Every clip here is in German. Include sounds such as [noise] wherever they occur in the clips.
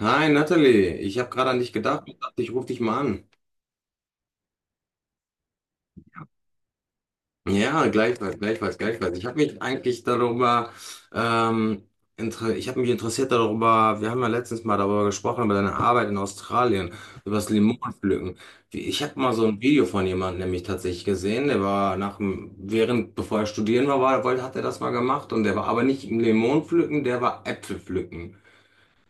Hi Natalie, ich habe gerade an dich gedacht und dachte, ich rufe dich mal an. Ja, gleichfalls, gleichfalls, gleichfalls. Ich habe mich eigentlich darüber, ähm, inter ich habe mich interessiert darüber, wir haben ja letztens mal darüber gesprochen, über deine Arbeit in Australien, über das Limonenpflücken. Ich habe mal so ein Video von jemandem nämlich tatsächlich gesehen, der war nach dem, während, bevor er studieren war, hat er das mal gemacht und der war aber nicht im Limonenpflücken, der war Äpfelpflücken.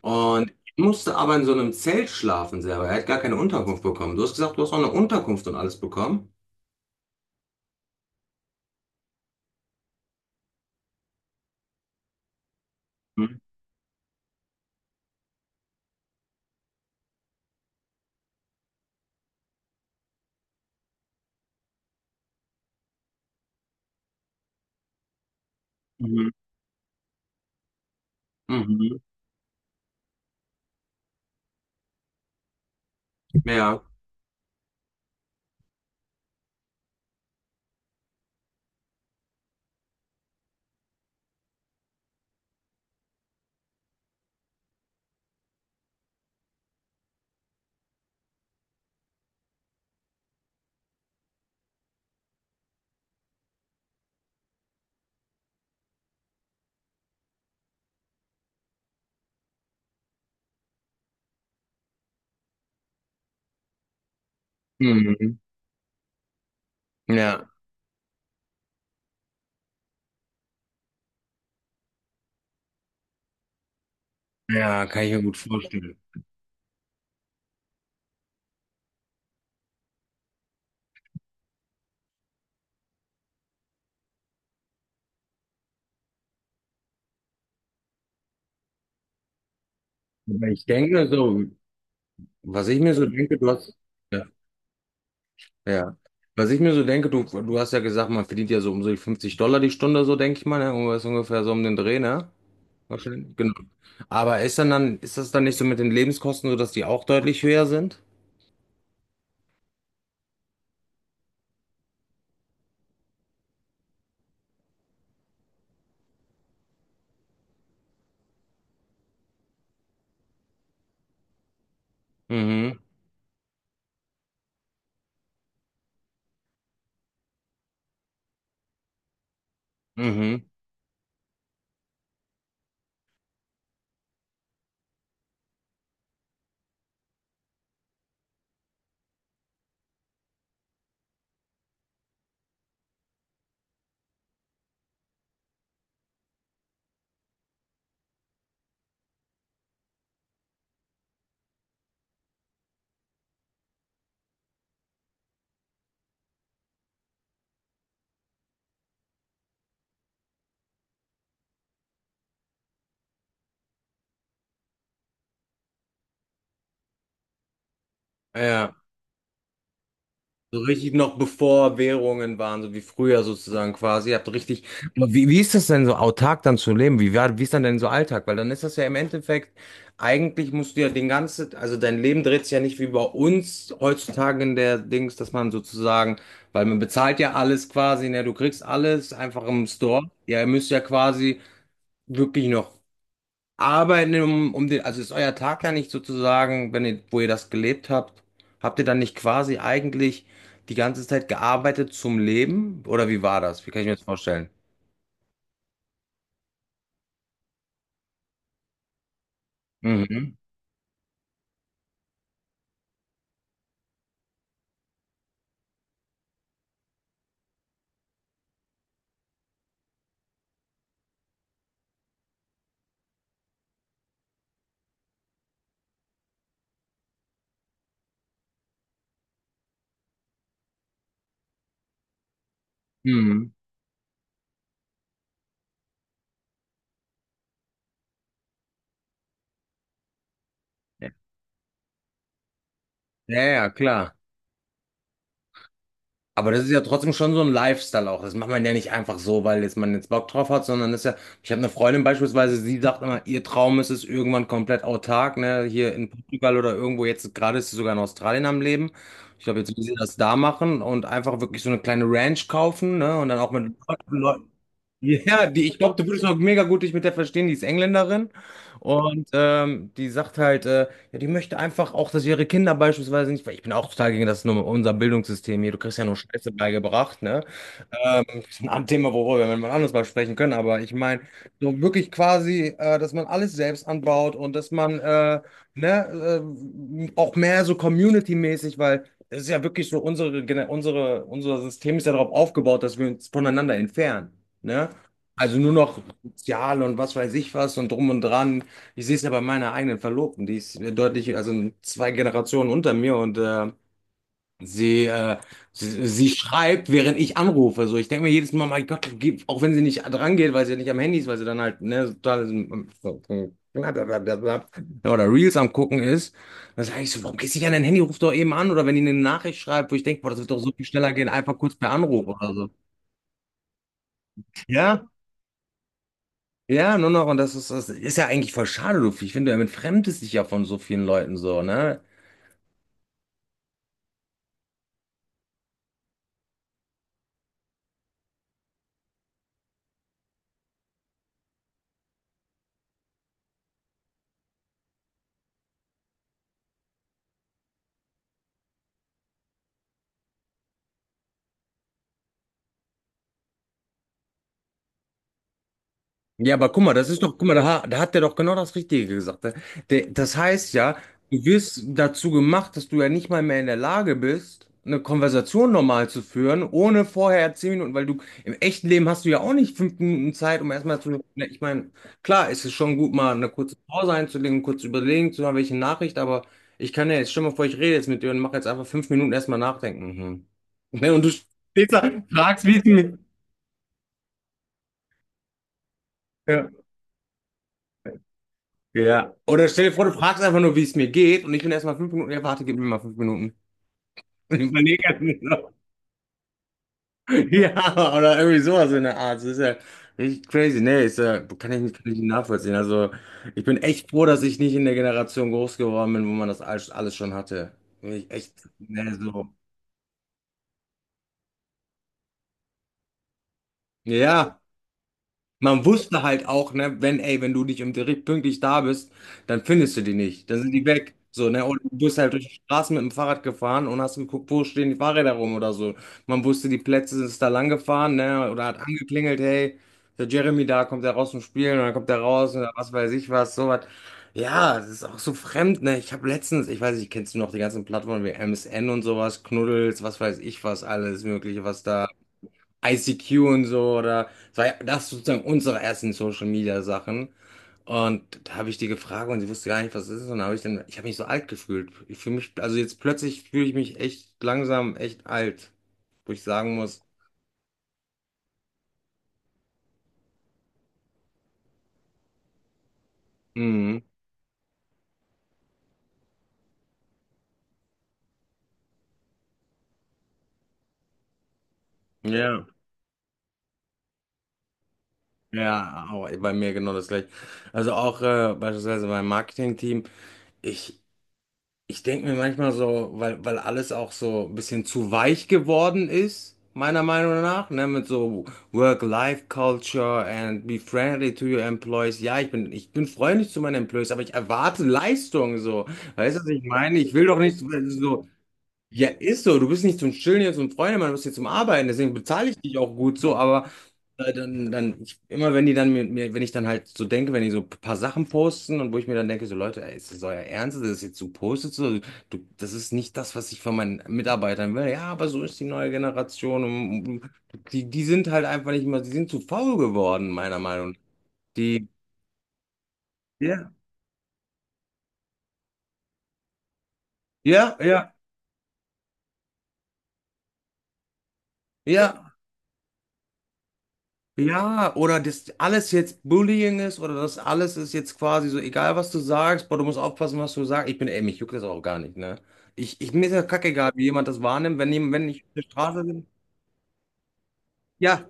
Und ich musste aber in so einem Zelt schlafen selber. Er hat gar keine Unterkunft bekommen. Du hast gesagt, du hast auch eine Unterkunft und alles bekommen. Mhm. Mhm. Mhm. Ja. Mhm. Ja. Ja, kann ich mir gut vorstellen. Aber ich denke so, was ich mir so denke, du hast, ja, ja. Was ich mir so denke, du hast ja gesagt, man verdient ja so um so die 50 Dollar die Stunde, so denke ich mal, ne? Irgendwas ungefähr so um den Dreh, ne? Wahrscheinlich. Genau. Aber ist das dann nicht so mit den Lebenskosten so, dass die auch deutlich höher sind? Mhm. Mhm. Ja. So richtig noch bevor Währungen waren, so wie früher sozusagen quasi. Ihr habt richtig. Aber wie ist das denn so autark dann zu leben? Wie war, wie ist dann denn so Alltag? Weil dann ist das ja im Endeffekt, eigentlich musst du ja den ganzen, also dein Leben dreht sich ja nicht wie bei uns heutzutage in der Dings, dass man sozusagen, weil man bezahlt ja alles quasi, ne, du kriegst alles einfach im Store. Ja, ihr müsst ja quasi wirklich noch arbeiten, um, um den, also ist euer Tag ja nicht sozusagen, wenn ihr, wo ihr das gelebt habt, habt ihr dann nicht quasi eigentlich die ganze Zeit gearbeitet zum Leben? Oder wie war das? Wie kann ich mir das vorstellen? Mhm. Mhm. Ja, ja, klar. Aber das ist ja trotzdem schon so ein Lifestyle auch. Das macht man ja nicht einfach so, weil jetzt man jetzt Bock drauf hat, sondern das ist ja, ich habe eine Freundin beispielsweise, sie sagt immer, ihr Traum ist es irgendwann komplett autark, ne, hier in Portugal oder irgendwo, jetzt gerade ist sie sogar in Australien am Leben. Ich glaube, jetzt will sie das da machen und einfach wirklich so eine kleine Ranch kaufen, ne, und dann auch mit Leuten. Ja, die, ich glaube, du würdest auch mega gut dich mit der verstehen, die ist Engländerin und die sagt halt, ja, die möchte einfach auch, dass ihre Kinder beispielsweise nicht, weil ich bin auch total gegen das nur unser Bildungssystem hier, du kriegst ja nur Scheiße beigebracht, ne? Das ist ein Thema, worüber wir mal anders mal sprechen können, aber ich meine, so wirklich quasi, dass man alles selbst anbaut und dass man ne, auch mehr so community-mäßig, weil es ist ja wirklich so, unser System ist ja darauf aufgebaut, dass wir uns voneinander entfernen, ne? Also nur noch sozial und was weiß ich was und drum und dran. Ich sehe es ja bei meiner eigenen Verlobten, die ist deutlich, also zwei Generationen unter mir und sie, äh, sie schreibt, während ich anrufe. So, ich denke mir jedes Mal, mein Gott, auch wenn sie nicht dran geht, weil sie ja nicht am Handy ist, weil sie dann halt, ne, total so, oder Reels am gucken ist, dann sage ich so, warum gehst du nicht an dein Handy, ruf doch eben an oder wenn die eine Nachricht schreibt, wo ich denke, boah, das wird doch so viel schneller gehen, einfach kurz per Anruf oder so. Ja, ja, nur noch und das ist ja eigentlich voll schade, du. Ich finde, du entfremdest dich ja von so vielen Leuten so, ne? Ja, aber guck mal, das ist doch, guck mal, da, da hat der doch genau das Richtige gesagt, ne? Der, das heißt ja, du wirst dazu gemacht, dass du ja nicht mal mehr in der Lage bist, eine Konversation normal zu führen, ohne vorher 10 Minuten, weil du im echten Leben hast du ja auch nicht 5 Minuten Zeit, um erstmal zu, ne, ich meine, klar, es ist schon gut, mal eine kurze Pause einzulegen, kurz überlegen zu haben, welche Nachricht, aber ich kann ja jetzt, stell mal vor, ich rede jetzt mit dir und mache jetzt einfach 5 Minuten erstmal nachdenken. Mhm. Ne, und du stehst da, fragst, wie es mir. Ja. Ja. Oder stell dir vor, du fragst einfach nur, wie es mir geht und ich bin erstmal 5 Minuten, ja, warte, gib mir mal 5 Minuten. Und ich überlege erst noch. [laughs] Ja, oder irgendwie sowas in der Art. Das ist ja richtig crazy. Nee, ist ja, kann ich nicht nachvollziehen. Also ich bin echt froh, dass ich nicht in der Generation groß geworden bin, wo man das alles, alles schon hatte. Bin ich echt, nee, so. Ja. Man wusste halt auch, ne, wenn, ey, wenn du nicht um direkt pünktlich da bist, dann findest du die nicht. Dann sind die weg. So, ne? Oder du bist halt durch die Straßen mit dem Fahrrad gefahren und hast geguckt, wo stehen die Fahrräder rum oder so. Man wusste, die Plätze sind da lang gefahren, ne? Oder hat angeklingelt, hey, der Jeremy da, kommt der raus zum Spielen und dann kommt der raus und was weiß ich was, sowas. Ja, das ist auch so fremd, ne? Ich habe letztens, ich weiß nicht, kennst du noch die ganzen Plattformen wie MSN und sowas, Knuddels, was weiß ich was, alles Mögliche, was da. ICQ und so oder das ist sozusagen unsere ersten Social Media Sachen. Und da habe ich die gefragt und sie wusste gar nicht, was es ist. Und da habe ich dann, ich habe mich so alt gefühlt. Ich fühle mich, also jetzt plötzlich fühle ich mich echt langsam echt alt, wo ich sagen muss, mhm, ja, ja, auch bei mir genau das gleiche. Also auch beispielsweise beim Marketing-Team, ich Ich denke mir manchmal so, weil alles auch so ein bisschen zu weich geworden ist, meiner Meinung nach, ne, mit so Work-Life-Culture and be friendly to your employees. Ja, ich bin freundlich zu meinen Employees, aber ich erwarte Leistung, so. Weißt du, was ich meine? Ich will doch nicht so, ja, ist so. Du bist nicht zum Chillen hier, zum Freundemann, du bist hier zum Arbeiten. Deswegen bezahle ich dich auch gut so. Aber dann, dann ich, immer wenn die dann wenn ich dann halt so denke, wenn die so ein paar Sachen posten und wo ich mir dann denke, so Leute, ey, ist das euer Ernst? Das ist jetzt so postet? So, du, das ist nicht das, was ich von meinen Mitarbeitern will. Ja, aber so ist die neue Generation. Und die sind halt einfach nicht mehr, die sind zu faul geworden, meiner Meinung nach. Die, ja, ja, ja, ja. Ja, oder dass alles jetzt Bullying ist oder das alles ist jetzt quasi so, egal was du sagst, boah, du musst aufpassen, was du sagst. Ich bin, ey, mich juckt das auch gar nicht, ne? Mir ist ja kackegal, wie jemand das wahrnimmt, wenn ich auf der Straße bin. Ja,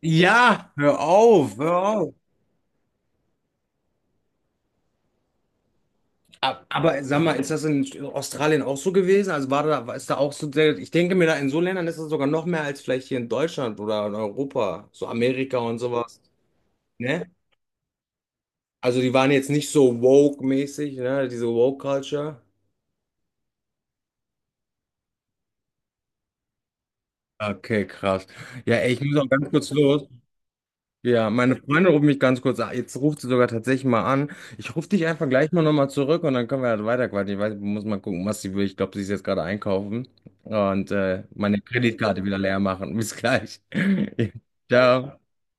ja, hör auf, hör auf. Aber sag mal, ist das in Australien auch so gewesen? Also war da, ist da auch so, ich denke mir da in so Ländern ist das sogar noch mehr als vielleicht hier in Deutschland oder in Europa, so Amerika und sowas, ne? Also die waren jetzt nicht so woke-mäßig, ne? Diese Woke-Culture. Okay, krass. Ja, ey, ich muss auch ganz kurz los. Ja, meine Freundin ruft mich ganz kurz an. Jetzt ruft sie sogar tatsächlich mal an. Ich rufe dich einfach gleich mal nochmal zurück und dann können wir halt weiterquatschen. Ich weiß, ich muss mal gucken, was sie will. Ich glaube, sie ist jetzt gerade einkaufen und meine Kreditkarte wieder leer machen. Bis gleich. [laughs] Ciao.